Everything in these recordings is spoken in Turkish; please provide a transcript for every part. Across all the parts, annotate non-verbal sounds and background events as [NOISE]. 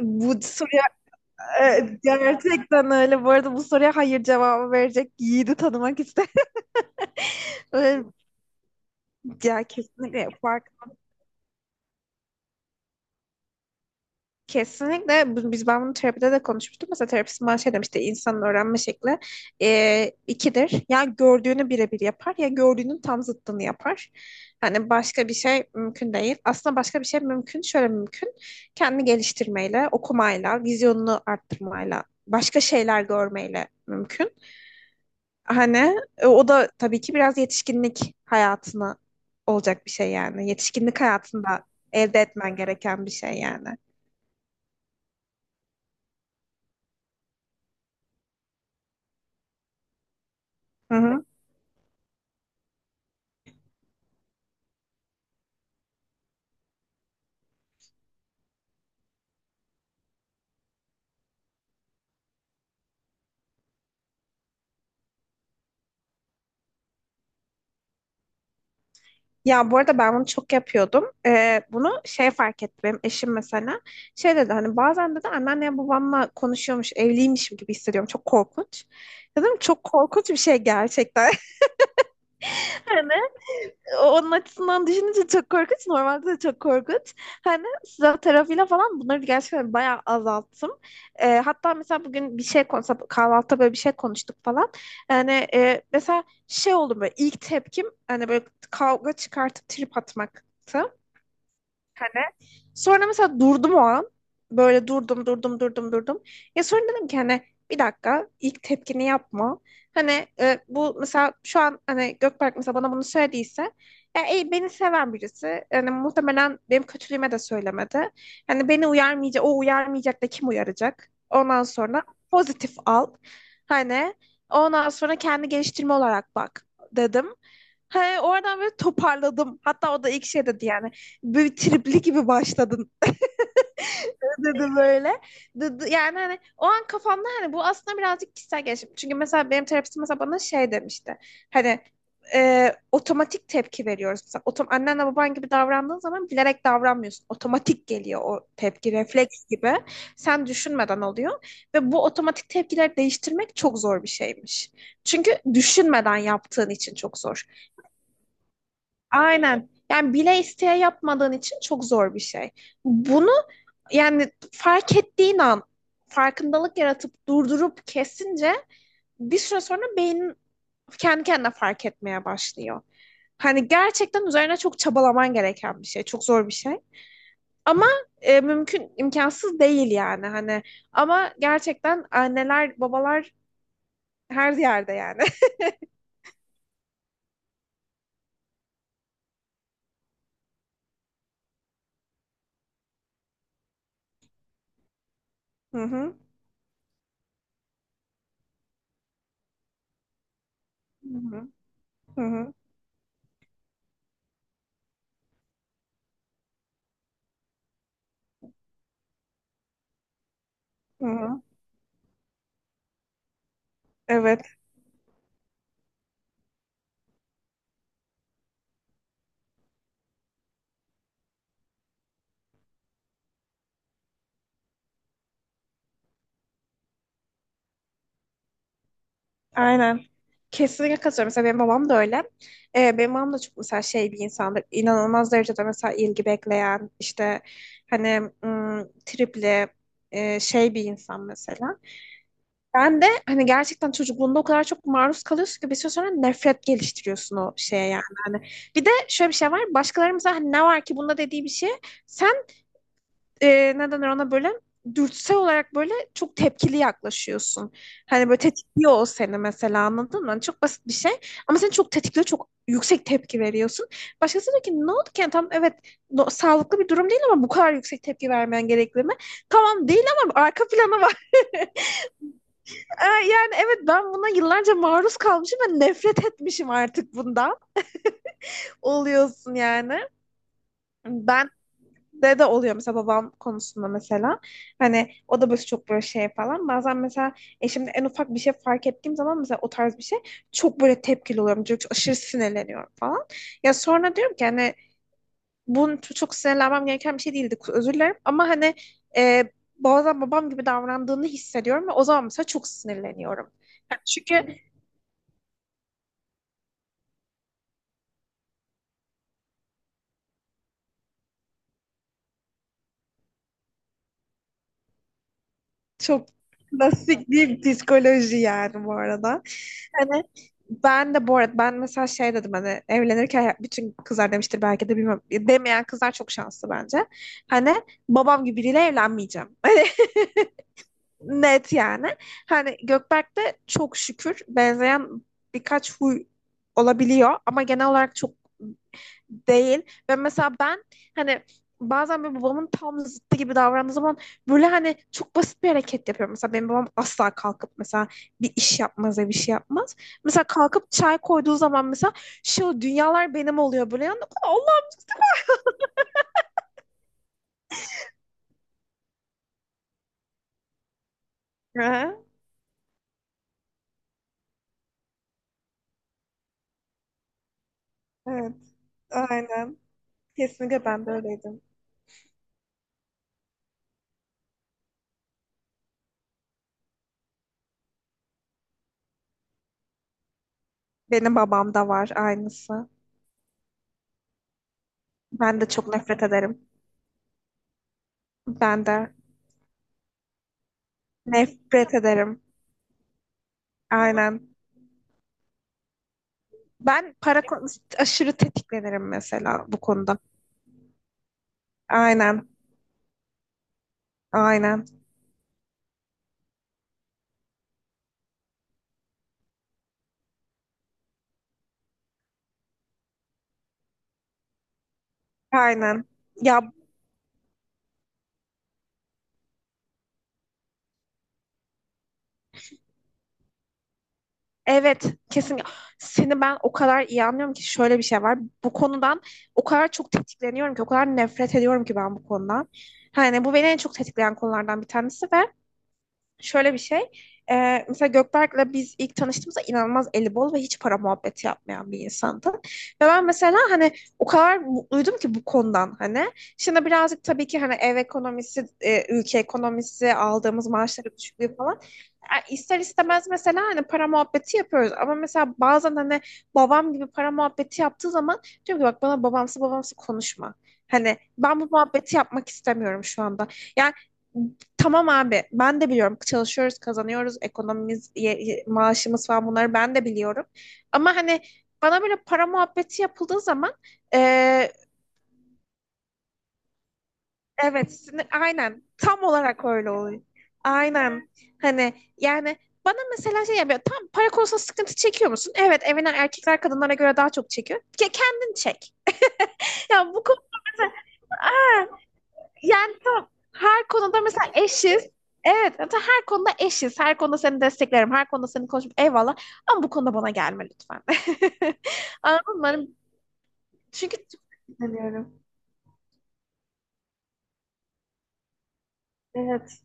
Bu soruya gerçekten öyle. Bu arada bu soruya hayır cevabı verecek yiğidi tanımak ister. [LAUGHS] Öyle- Ya kesinlikle fark. Kesinlikle bu- biz ben bunu terapide de konuşmuştum. Mesela terapistim bana şey demişti, insanın öğrenme şekli ikidir. Ya gördüğünü birebir yapar ya gördüğünün tam zıttını yapar. Hani başka bir şey mümkün değil. Aslında başka bir şey mümkün. Şöyle mümkün. Kendini geliştirmeyle, okumayla, vizyonunu arttırmayla, başka şeyler görmeyle mümkün. Hani o da tabii ki biraz yetişkinlik hayatına olacak bir şey yani. Yetişkinlik hayatında elde etmen gereken bir şey yani. Hı hı. Ya bu arada ben bunu çok yapıyordum. Bunu şey fark ettim. Benim eşim mesela şey dedi, hani bazen dedi anneannem babamla konuşuyormuş, evliymişim gibi hissediyorum. Çok korkunç. Dedim çok korkunç bir şey gerçekten. [LAUGHS] Onun açısından düşününce çok korkunç. Normalde de çok korkunç. Hani silah tarafıyla falan bunları gerçekten bayağı azalttım. Hatta mesela bugün bir şey konuştuk. Kahvaltıda böyle bir şey konuştuk falan. Yani mesela şey oldu, böyle ilk tepkim hani böyle kavga çıkartıp trip atmaktı. Hani sonra mesela durdum o an. Böyle durdum, durdum, durdum, durdum. Ya sonra dedim ki hani bir dakika, ilk tepkini yapma. Hani bu mesela şu an hani Gökberk mesela bana bunu söylediyse, ya, beni seven birisi. Yani muhtemelen benim kötülüğüme de söylemedi. Hani beni uyarmayacak, o uyarmayacak da kim uyaracak? Ondan sonra pozitif al. Hani ondan sonra kendi geliştirme olarak bak dedim. He, oradan böyle toparladım. Hatta o da ilk şey dedi, yani böyle tripli gibi başladın [LAUGHS] dedi böyle. Yani hani o an kafamda hani bu aslında birazcık kişisel gelişim. Çünkü mesela benim terapistim mesela bana şey demişti. Hani otomatik tepki veriyoruz. Mesela annenle baban gibi davrandığın zaman bilerek davranmıyorsun. Otomatik geliyor o tepki, refleks gibi. Sen düşünmeden oluyor. Ve bu otomatik tepkileri değiştirmek çok zor bir şeymiş. Çünkü düşünmeden yaptığın için çok zor. Aynen. Yani bile isteye yapmadığın için çok zor bir şey. Bunu, yani fark ettiğin an farkındalık yaratıp durdurup kesince bir süre sonra beynin kendi kendine fark etmeye başlıyor. Hani gerçekten üzerine çok çabalaman gereken bir şey. Çok zor bir şey. Ama mümkün, imkansız değil yani. Hani ama gerçekten anneler, babalar her yerde yani. [LAUGHS] Hı hı. Hı hı. Hı hı. Hı hı. Evet. Aynen. Kesinlikle katılıyorum. Mesela benim babam da öyle. Benim babam da çok mesela şey bir insandır. İnanılmaz derecede mesela ilgi bekleyen, işte hani tripli şey bir insan mesela. Ben de hani gerçekten çocukluğunda o kadar çok maruz kalıyorsun ki bir süre sonra nefret geliştiriyorsun o şeye yani. Hani bir de şöyle bir şey var. Başkalarımıza hani ne var ki bunda dediği bir şey, sen ne denir ona böyle, dürtüsel olarak böyle çok tepkili yaklaşıyorsun. Hani böyle tetikliyor o seni mesela, anladın mı? Hani çok basit bir şey ama seni çok tetikliyor, çok yüksek tepki veriyorsun. Başkası diyor ki ne oldu ki? Yani tamam, evet sağlıklı bir durum değil ama bu kadar yüksek tepki vermen gerekli mi? Tamam değil ama arka planı var. [LAUGHS] Yani evet, ben buna yıllarca maruz kalmışım ve nefret etmişim artık bundan. Oluyorsun yani. Ben de oluyor mesela, babam konusunda mesela. Hani o da böyle çok böyle şey falan. Bazen mesela eşimde en ufak bir şey fark ettiğim zaman, mesela o tarz bir şey, çok böyle tepkili oluyorum. Çok aşırı sinirleniyorum falan. Ya sonra diyorum ki hani bunun çok sinirlenmem gereken bir şey değildi. Özür dilerim ama hani e, bazen babam gibi davrandığını hissediyorum ve o zaman mesela çok sinirleniyorum. Yani çünkü çok klasik bir psikoloji yani bu arada. Hani ben de bu arada, ben mesela şey dedim hani, evlenirken bütün kızlar demiştir belki de, bilmiyorum. Demeyen kızlar çok şanslı bence. Hani babam gibi biriyle evlenmeyeceğim. [LAUGHS] Hani net yani. Hani Gökberk'te çok şükür benzeyen birkaç huy olabiliyor ama genel olarak çok değil. Ve mesela ben hani bazen böyle babamın tam zıttı gibi davrandığı zaman böyle hani çok basit bir hareket yapıyorum. Mesela benim babam asla kalkıp mesela bir iş yapmaz ya bir şey yapmaz. Mesela kalkıp çay koyduğu zaman mesela şu dünyalar benim oluyor böyle. Yani, Allah. Hı, evet, aynen. Kesinlikle ben de öyleydim. Benim babam da var aynısı. Ben de çok nefret ederim. Ben de nefret ederim. Aynen. Ben para konusunda aşırı tetiklenirim mesela bu konuda. Aynen. Aynen. Aynen. Ya evet, kesin. Seni ben o kadar iyi anlıyorum ki, şöyle bir şey var. Bu konudan o kadar çok tetikleniyorum ki, o kadar nefret ediyorum ki ben bu konudan. Yani bu beni en çok tetikleyen konulardan bir tanesi ve şöyle bir şey. Mesela Gökberk'le biz ilk tanıştığımızda inanılmaz eli bol ve hiç para muhabbeti yapmayan bir insandı. Ve ben mesela hani o kadar mutluydum ki bu konudan hani. Şimdi birazcık tabii ki hani ev ekonomisi, ülke ekonomisi, aldığımız maaşların düşüklüğü falan. Yani ister istemez mesela hani para muhabbeti yapıyoruz ama mesela bazen hani babam gibi para muhabbeti yaptığı zaman diyorum ki bak, bana babamsı babamsı konuşma. Hani ben bu muhabbeti yapmak istemiyorum şu anda. Yani tamam abi, ben de biliyorum çalışıyoruz, kazanıyoruz, ekonomimiz maaşımız falan, bunları ben de biliyorum. Ama hani bana böyle para muhabbeti yapıldığı zaman, evet, aynen. Tam olarak öyle oluyor. Aynen. Hani yani bana mesela şey yapıyor. Tam para konusunda sıkıntı çekiyor musun? Evet, evine erkekler kadınlara göre daha çok çekiyor. Kendin çek. Ya bu konuda mesela, aa, yani tam her konuda mesela eşiz. Evet, hatta her konuda eşiz. Her konuda seni desteklerim. Her konuda seni konuşup eyvallah. Ama bu konuda bana gelme lütfen. [LAUGHS] Anladın mı? Hani çünkü çok sinirleniyorum. Evet.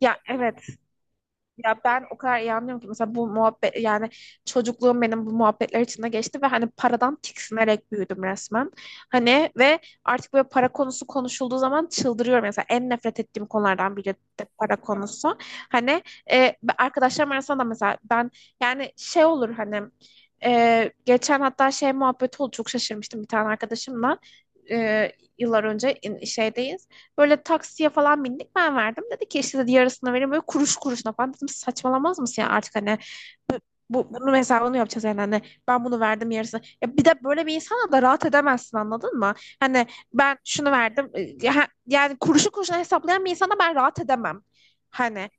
Ya evet. Ya ben o kadar iyi anlıyorum ki mesela bu muhabbet, yani çocukluğum benim bu muhabbetler içinde geçti ve hani paradan tiksinerek büyüdüm resmen. Hani ve artık böyle para konusu konuşulduğu zaman çıldırıyorum. Mesela en nefret ettiğim konulardan biri de para konusu. Hani arkadaşlarım arasında da mesela ben yani şey olur hani, geçen hatta şey muhabbeti oldu, çok şaşırmıştım bir tane arkadaşımla. E, Yıllar önce şeydeyiz. Böyle taksiye falan bindik, ben verdim. Dedi ki işte, dedi, yarısını verin böyle kuruş kuruşuna falan. Dedim saçmalamaz mısın ya artık, hani bunun hesabını yapacağız yani hani, ben bunu verdim yarısını. Ya bir de böyle bir insana da rahat edemezsin, anladın mı? Hani ben şunu verdim yani, kuruşu kuruşuna hesaplayan bir insana ben rahat edemem. Hani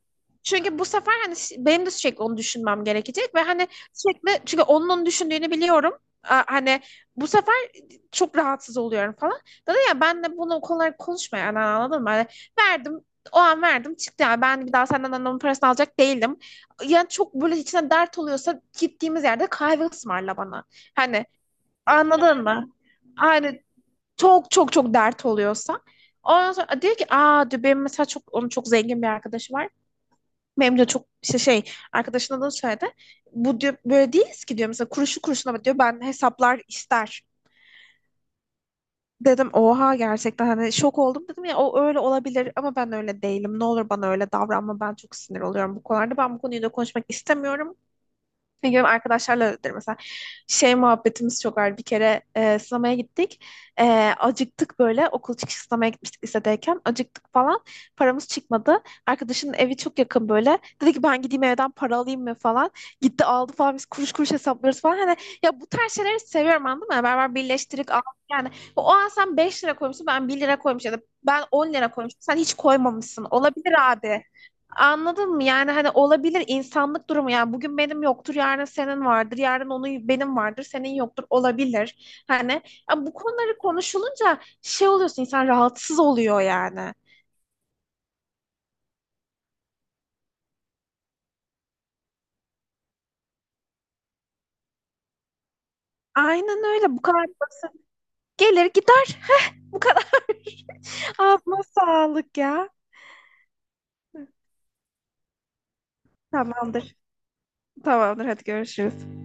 çünkü bu sefer hani benim de sürekli onu düşünmem gerekecek ve hani sürekli, çünkü onun onu düşündüğünü biliyorum. Hani bu sefer çok rahatsız oluyorum falan. Dedi, ya ben de bunu kolay konuşma yani, anladın mı? Yani verdim, o an verdim, çıktı, yani ben bir daha senden annemin parasını alacak değilim. Yani çok böyle içine dert oluyorsa gittiğimiz yerde kahve ısmarla bana. Hani, anladın mı? Hani çok çok çok dert oluyorsa. Ondan sonra diyor ki, aa, diyor, benim mesela çok, onun çok zengin bir arkadaşı var. Benim de çok işte şey, arkadaşının adını söyledi. Bu diyor böyle değiliz ki diyor, mesela kuruşu kuruşuna diyor ben hesaplar ister. Dedim oha, gerçekten hani şok oldum, dedim ya o öyle olabilir ama ben öyle değilim. Ne olur bana öyle davranma, ben çok sinir oluyorum bu konularda. Ben bu konuyu da konuşmak istemiyorum. Ne gibi arkadaşlarla öyledir mesela. Şey muhabbetimiz çok var. Bir kere sinemaya gittik. E, Acıktık böyle. Okul çıkışı sinemaya gitmiştik lisedeyken. Acıktık falan. Paramız çıkmadı. Arkadaşın evi çok yakın böyle. Dedi ki ben gideyim evden para alayım mı falan. Gitti aldı falan. Biz kuruş kuruş hesaplıyoruz falan. Hani ya bu tarz şeyleri seviyorum, anladın mı? Beraber birleştirip al. Yani o an sen 5 lira koymuşsun, ben 1 lira koymuşum ya da ben 10 lira koymuşum. Sen hiç koymamışsın. Olabilir abi. Anladın mı? Yani hani olabilir, insanlık durumu. Yani bugün benim yoktur, yarın senin vardır, yarın onun, benim vardır, senin yoktur, olabilir. Hani ya bu konuları konuşulunca şey oluyorsun, insan rahatsız oluyor yani. Aynen öyle, bu kadar basit. Gelir gider [LAUGHS] bu kadar. Ağzına sağlık ya. Tamamdır. Tamamdır, hadi görüşürüz.